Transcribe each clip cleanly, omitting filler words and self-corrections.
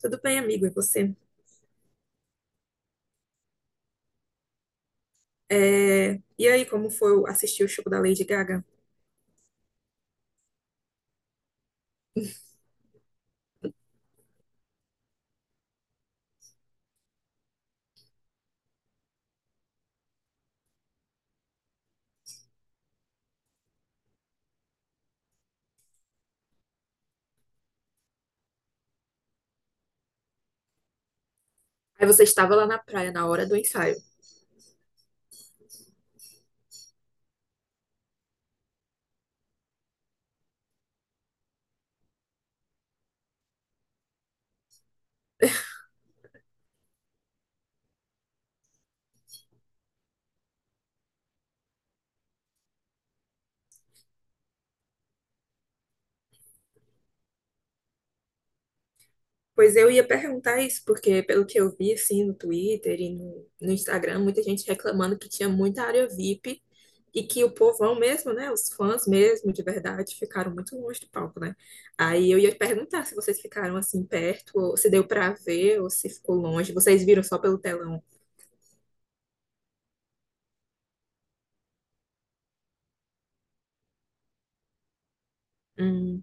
Tudo bem, amigo, e você? E aí, como foi assistir o show da Lady Gaga? Aí você estava lá na praia na hora do ensaio. Pois eu ia perguntar isso, porque pelo que eu vi assim no Twitter e no Instagram, muita gente reclamando que tinha muita área VIP e que o povão mesmo, né, os fãs mesmo, de verdade, ficaram muito longe do palco, né? Aí eu ia perguntar se vocês ficaram assim perto, ou se deu pra ver, ou se ficou longe. Vocês viram só pelo telão. Hum,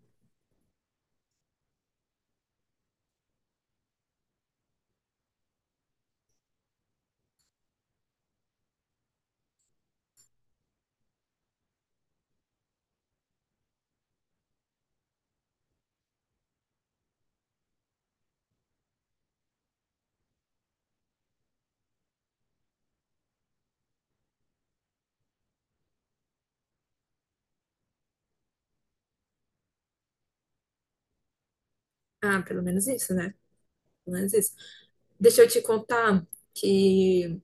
ah, pelo menos isso, né? Pelo menos isso. Deixa eu te contar que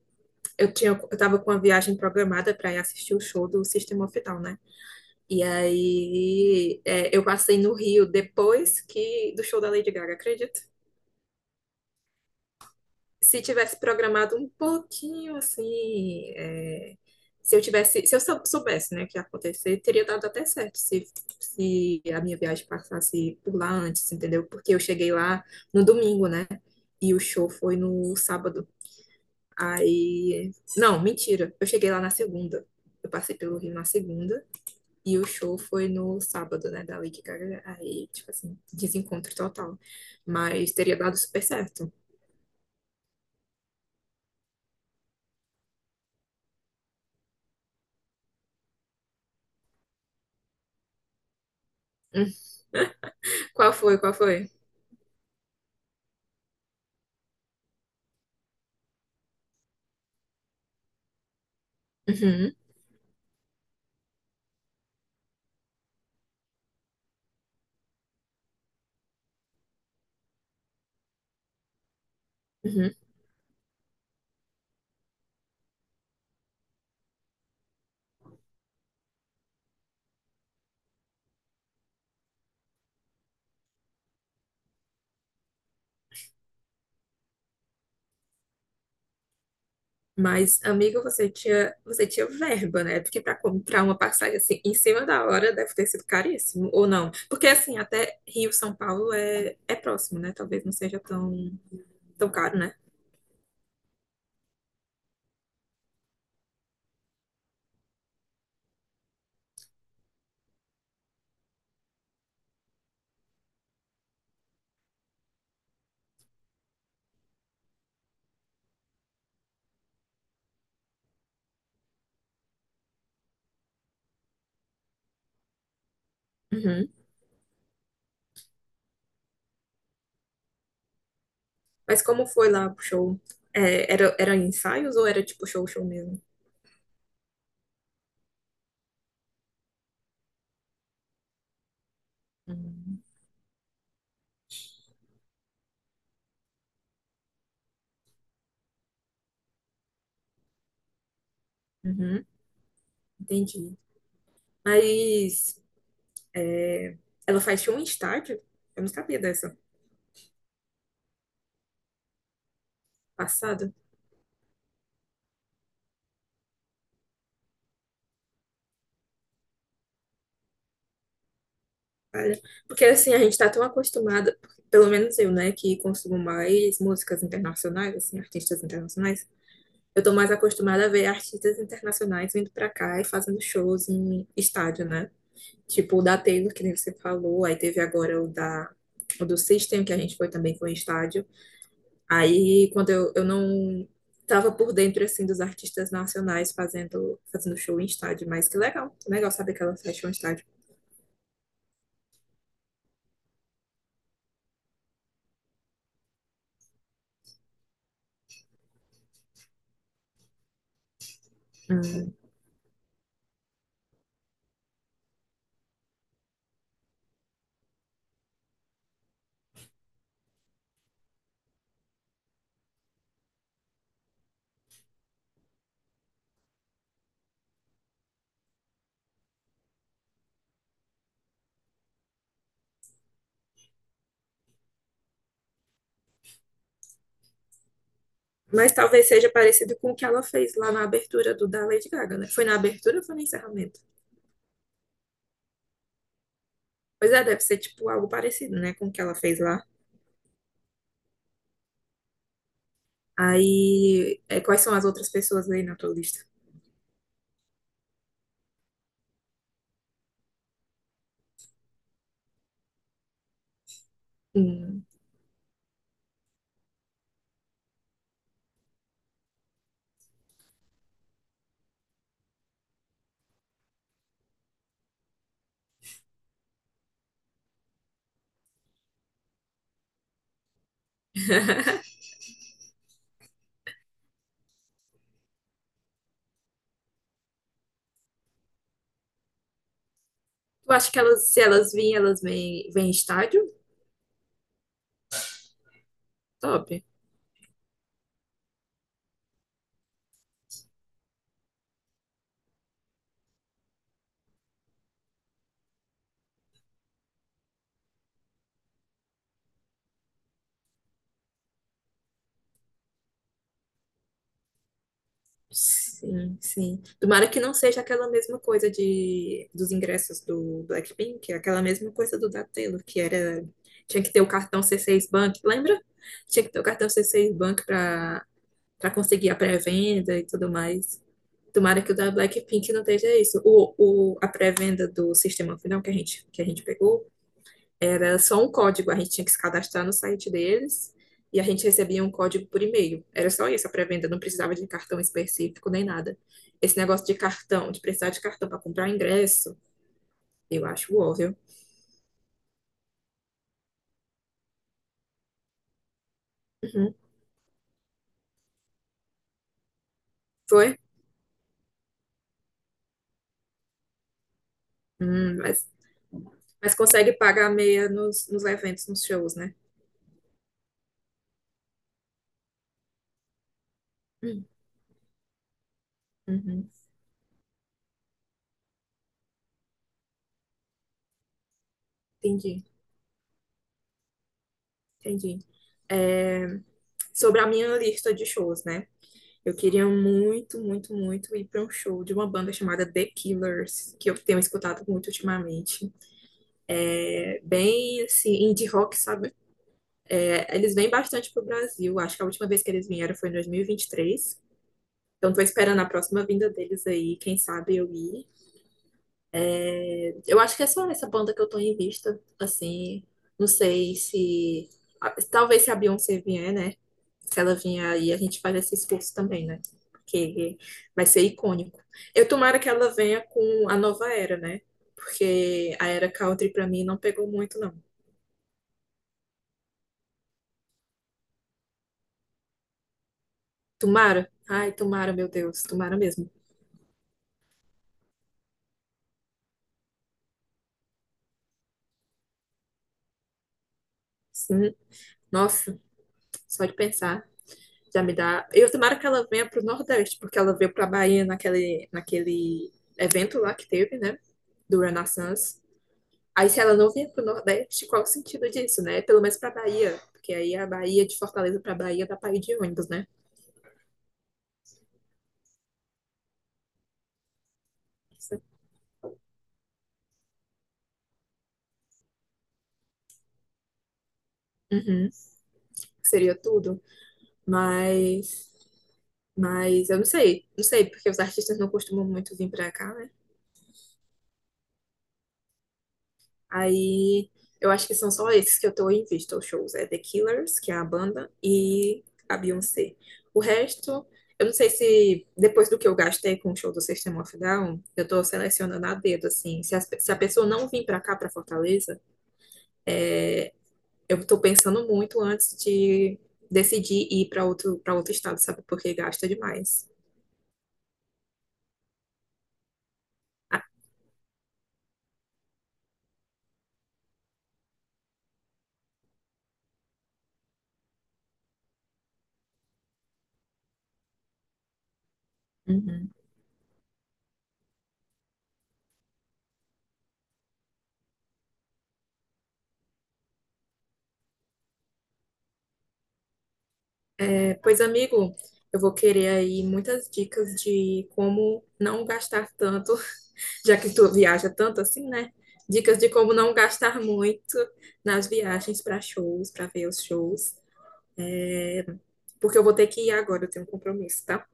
eu tava com a viagem programada para ir assistir o show do System of a Down, né? E aí, é, eu passei no Rio depois que do show da Lady Gaga, acredita? Se tivesse programado um pouquinho assim, é, se eu tivesse, se eu sou- soubesse, né, que ia acontecer, teria dado até certo se a minha viagem passasse por lá antes, entendeu? Porque eu cheguei lá no domingo, né? E o show foi no sábado. Aí, não, mentira, eu cheguei lá na segunda. Eu passei pelo Rio na segunda. E o show foi no sábado, né, da Lady Gaga. Aí, tipo assim, desencontro total. Mas teria dado super certo. Hum. Qual foi? Qual foi? Uhum, uhum. Mas, amigo, você tinha verba, né? Porque para comprar uma passagem assim em cima da hora deve ter sido caríssimo, ou não? Porque assim, até Rio, São Paulo é próximo, né? Talvez não seja tão, tão caro, né? Uhum. Mas como foi lá pro show? Era ensaios ou era tipo show, show mesmo? Uhum. Uhum. Entendi. Mas é, ela faz show em estádio. Eu não sabia dessa. Passado. Olha. Porque assim, a gente tá tão acostumada, pelo menos eu, né, que consumo mais músicas internacionais, assim, artistas internacionais. Eu tô mais acostumada a ver artistas internacionais vindo pra cá e fazendo shows em estádio, né? Tipo o da Taylor, que nem você falou, aí teve agora o do System, que a gente foi também com o estádio. Aí, quando eu não estava por dentro, assim, dos artistas nacionais fazendo show em estádio, mas que legal, legal saber que ela faz show em estádio. Hum. Mas talvez seja parecido com o que ela fez lá na abertura do da Lady Gaga, né? Foi na abertura ou foi no encerramento? Pois é, deve ser, tipo, algo parecido, né, com o que ela fez lá. Aí, é, quais são as outras pessoas aí na tua lista? Hum. Tu acha que se vêm em estádio? Top. Sim, sim. Tomara que não seja aquela mesma coisa de dos ingressos do Blackpink, é aquela mesma coisa do da Taylor, que era tinha que ter o cartão C6 Bank, lembra? Tinha que ter o cartão C6 Bank para conseguir a pré-venda e tudo mais. Tomara que o da Blackpink não esteja isso. A pré-venda do sistema final que a gente pegou era só um código, a gente tinha que se cadastrar no site deles e a gente recebia um código por e-mail. Era só isso a pré-venda, não precisava de cartão específico nem nada. Esse negócio de cartão, de precisar de cartão para comprar ingresso, eu acho óbvio. Uhum. Foi? Hum, mas, mas consegue pagar meia nos eventos, nos shows, né? Hum, uhum. Entendi, entendi. É, sobre a minha lista de shows, né? Eu queria muito, muito, muito ir para um show de uma banda chamada The Killers, que eu tenho escutado muito ultimamente. É bem assim, indie rock, sabe? É, eles vêm bastante pro Brasil. Acho que a última vez que eles vieram foi em 2023. Então tô esperando a próxima vinda deles aí, quem sabe eu ir. Eu acho que é só essa banda que eu tô em vista, assim. Não sei se. Ah, talvez se a Beyoncé vier, né? Se ela vier aí, a gente faz esse esforço também, né? Porque vai ser icônico. Eu tomara que ela venha com a nova era, né? Porque a era country pra mim não pegou muito, não. Tomara. Ai, tomara, meu Deus. Tomara mesmo. Sim. Nossa, só de pensar já me dá. Eu tomara que ela venha pro Nordeste, porque ela veio pra Bahia naquele evento lá que teve, né, do Renaissance. Aí, se ela não vier pro Nordeste, qual o sentido disso, né? Pelo menos pra Bahia, porque aí a Bahia, de Fortaleza pra Bahia, dá pra ir de ônibus, né? Uhum, seria tudo. Mas, mas eu não sei, não sei, porque os artistas não costumam muito vir pra cá, né? Aí eu acho que são só esses que eu tô em vista, os shows. É The Killers, que é a banda, e a Beyoncé. O resto, eu não sei se depois do que eu gastei com o show do System of a Down, eu tô selecionando a dedo, assim. Se a pessoa não vir pra cá, pra Fortaleza, eu tô pensando muito antes de decidir ir pra outro, para outro estado, sabe? Porque gasta demais. Ah, uhum. Pois, amigo, eu vou querer aí muitas dicas de como não gastar tanto, já que tu viaja tanto assim, né? Dicas de como não gastar muito nas viagens para shows, para ver os shows, porque eu vou ter que ir agora, eu tenho um compromisso, tá?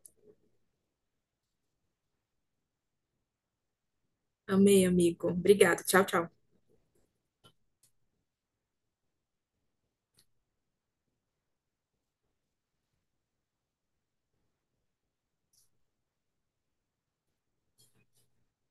Amei, amigo. Obrigada. Tchau, tchau.